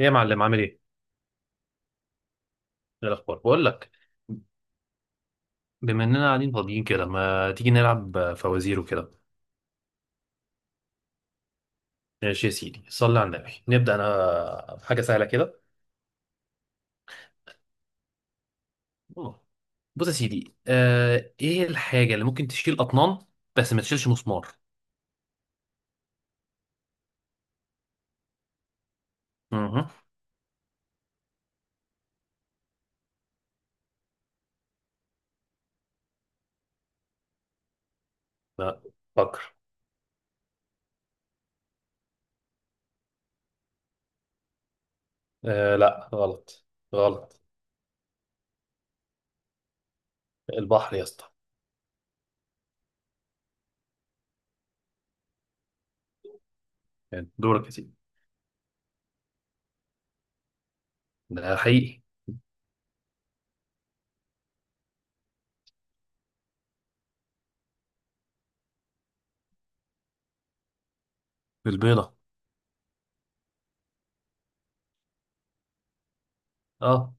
ايه يا معلم، عامل ايه؟ ايه الاخبار؟ بقول لك، بما اننا قاعدين فاضيين كده ما تيجي نلعب فوازير وكده. ماشي يا سيدي، صلي على النبي، نبدا انا بحاجه سهله كده. آه. بص يا سيدي، ايه الحاجه اللي ممكن تشيل اطنان بس ما تشيلش مسمار؟ اها. لا. فكر. لا، غلط، غلط. البحر يا اسطى. يعني دورك يا سيدي. ده حقيقي. البيضه. اه،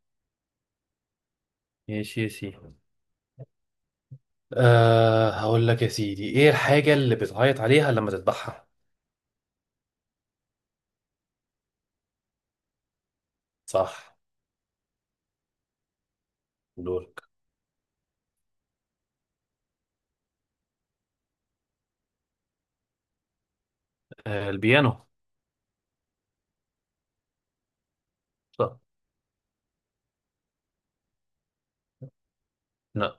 ماشي يا سيدي. هقول لك يا سيدي، ايه الحاجه اللي بتعيط عليها لما تذبحها؟ صح. دورك. البيانو. لا. لا،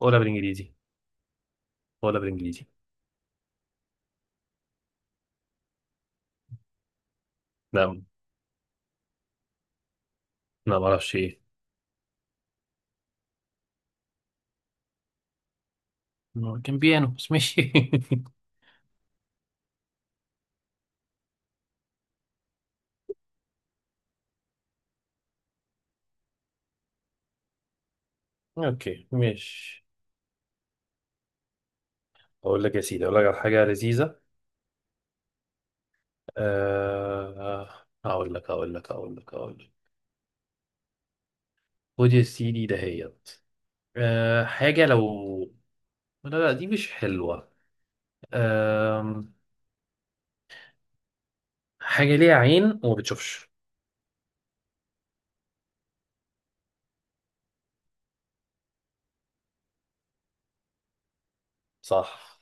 ولا بالانجليزي، ولا بالانجليزي. لا، لا ما اعرفش ايه. هو كان بيانو بس ماشي. اوكي ماشي. اقول لك يا سيدي، اقول لك على حاجه لذيذه. آه اقول لك اقول لك اقول لك اقول لك خد يا سيدي دهيت. حاجه لو... لا لا، دي مش حلوه. آه حاجه ليها عين وما بتشوفش. صح.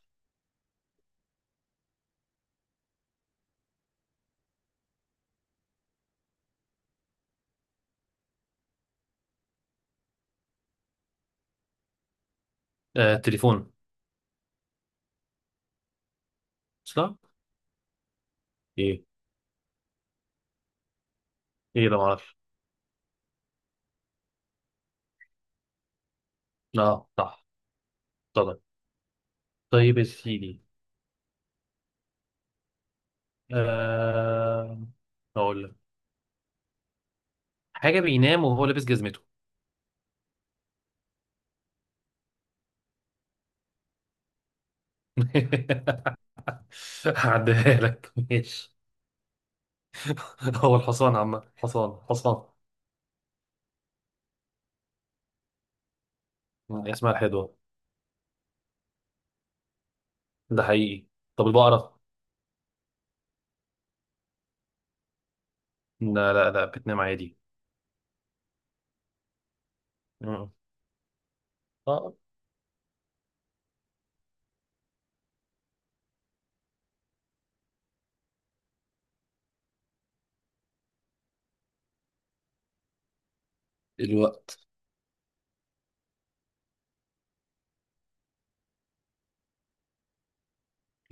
تليفون. صح. ايه؟ ايه ده؟ ما اعرفش. لا، صح. طبعا. طيب يا سيدي، آه... اقول لك حاجه بينام وهو لابس جزمته. هعديها لك ماشي. هو الحصان، عم حصان، حصان. اسمها الحدوه. ده حقيقي. طب البقره؟ لا لا لا، بتنام عادي. مم. آه. الوقت.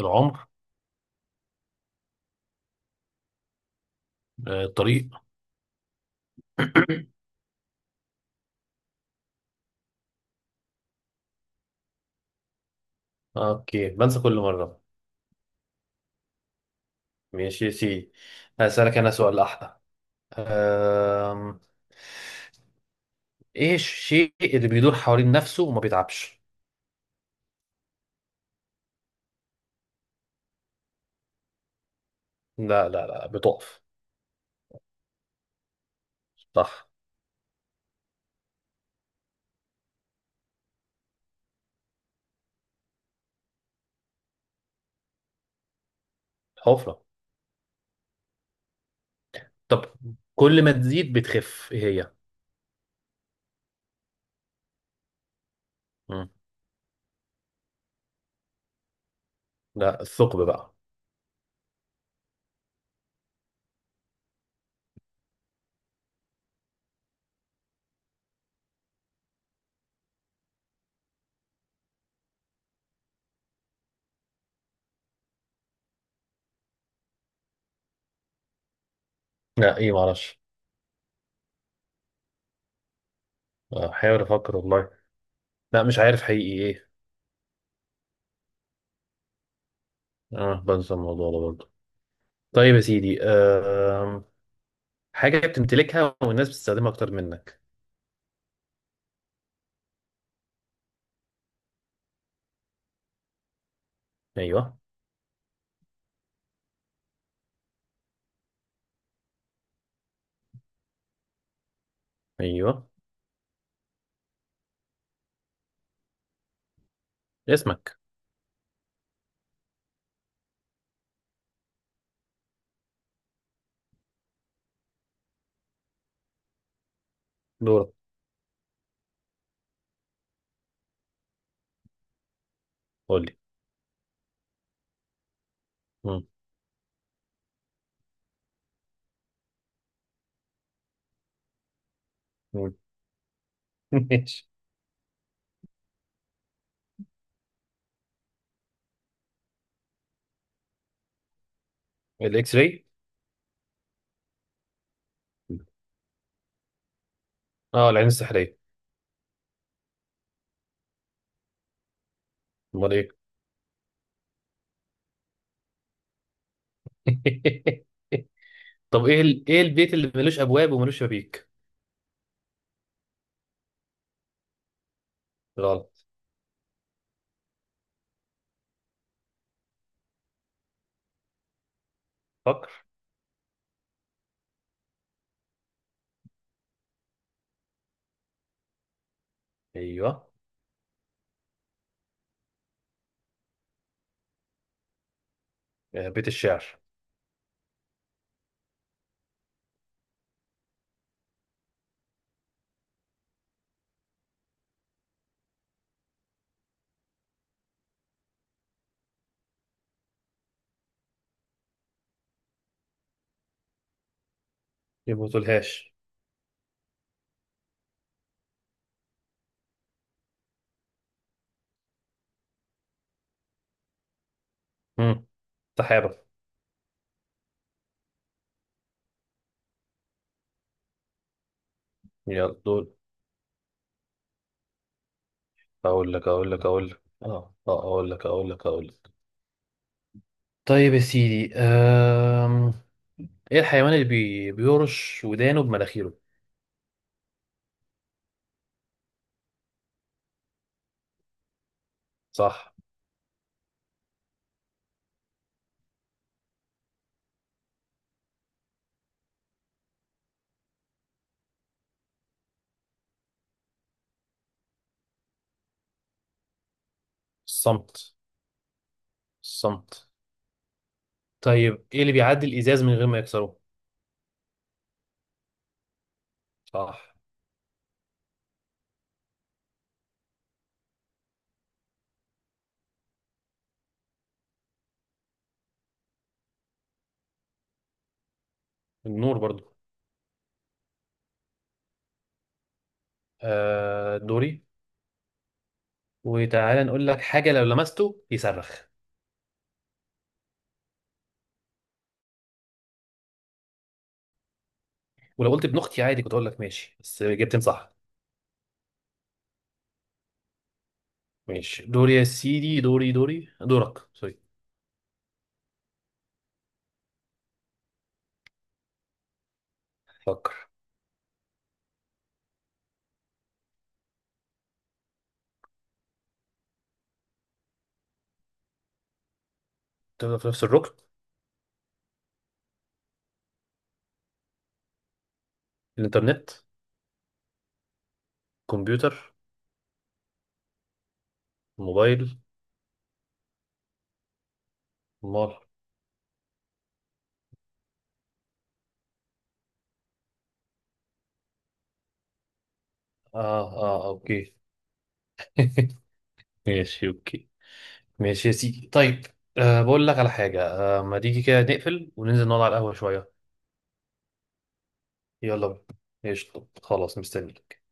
العمر. الطريق. اوكي، بنسى كل مره. ماشي يا سيدي، هسألك انا سؤال احلى. آم... ايه الشيء اللي بيدور حوالين نفسه وما بيتعبش؟ لا لا لا، بتقف. صح. حفرة. طب كل ما تزيد بتخف، ايه هي؟ مم. لا، الثقب بقى. لا، ايه، معرفش. بحاول افكر والله. لا، مش عارف حقيقي ايه. اه، بنسى الموضوع ده برضه. طيب يا سيدي، حاجة بتمتلكها والناس بتستخدمها اكتر منك. ايوه. ايوه. اسمك. دورك. قول لي. مم. مم. ماشي. الاكس راي. اه، العين السحرية. امال ايه؟ طب ايه البيت اللي ملوش ابواب وملوش شبابيك؟ غلط. فكر. ايوه. بيت الشعر. يبوظولهاش. امم سحابة. يلا دول. أقول لك أقول لك أقول لك آه آه أقول لك أقول لك أقول لك طيب يا سيدي، إيه الحيوان اللي بيرش ودانه بمناخيره؟ صح. الصمت. الصمت. طيب إيه اللي بيعدي الإزاز من غير ما يكسره؟ صح. النور برضو. دوري. وتعالى نقول لك حاجة، لو لمسته يصرخ. ولو قلت ابن أختي عادي، كنت أقول لك ماشي، بس جبتين صح. ماشي، دوري يا سيدي، دوري، دوري، دورك، سوري. فكر. تبدأ في نفس الركن. الإنترنت. كمبيوتر. موبايل. مال. آه، آه، أوكي. ماشي أوكي. ماشي يا سيدي، طيب، بقول لك على حاجة. ما تيجي كده نقفل وننزل نقعد على القهوة شوية. يلا بينا. قشطة، خلاص، مستنيك.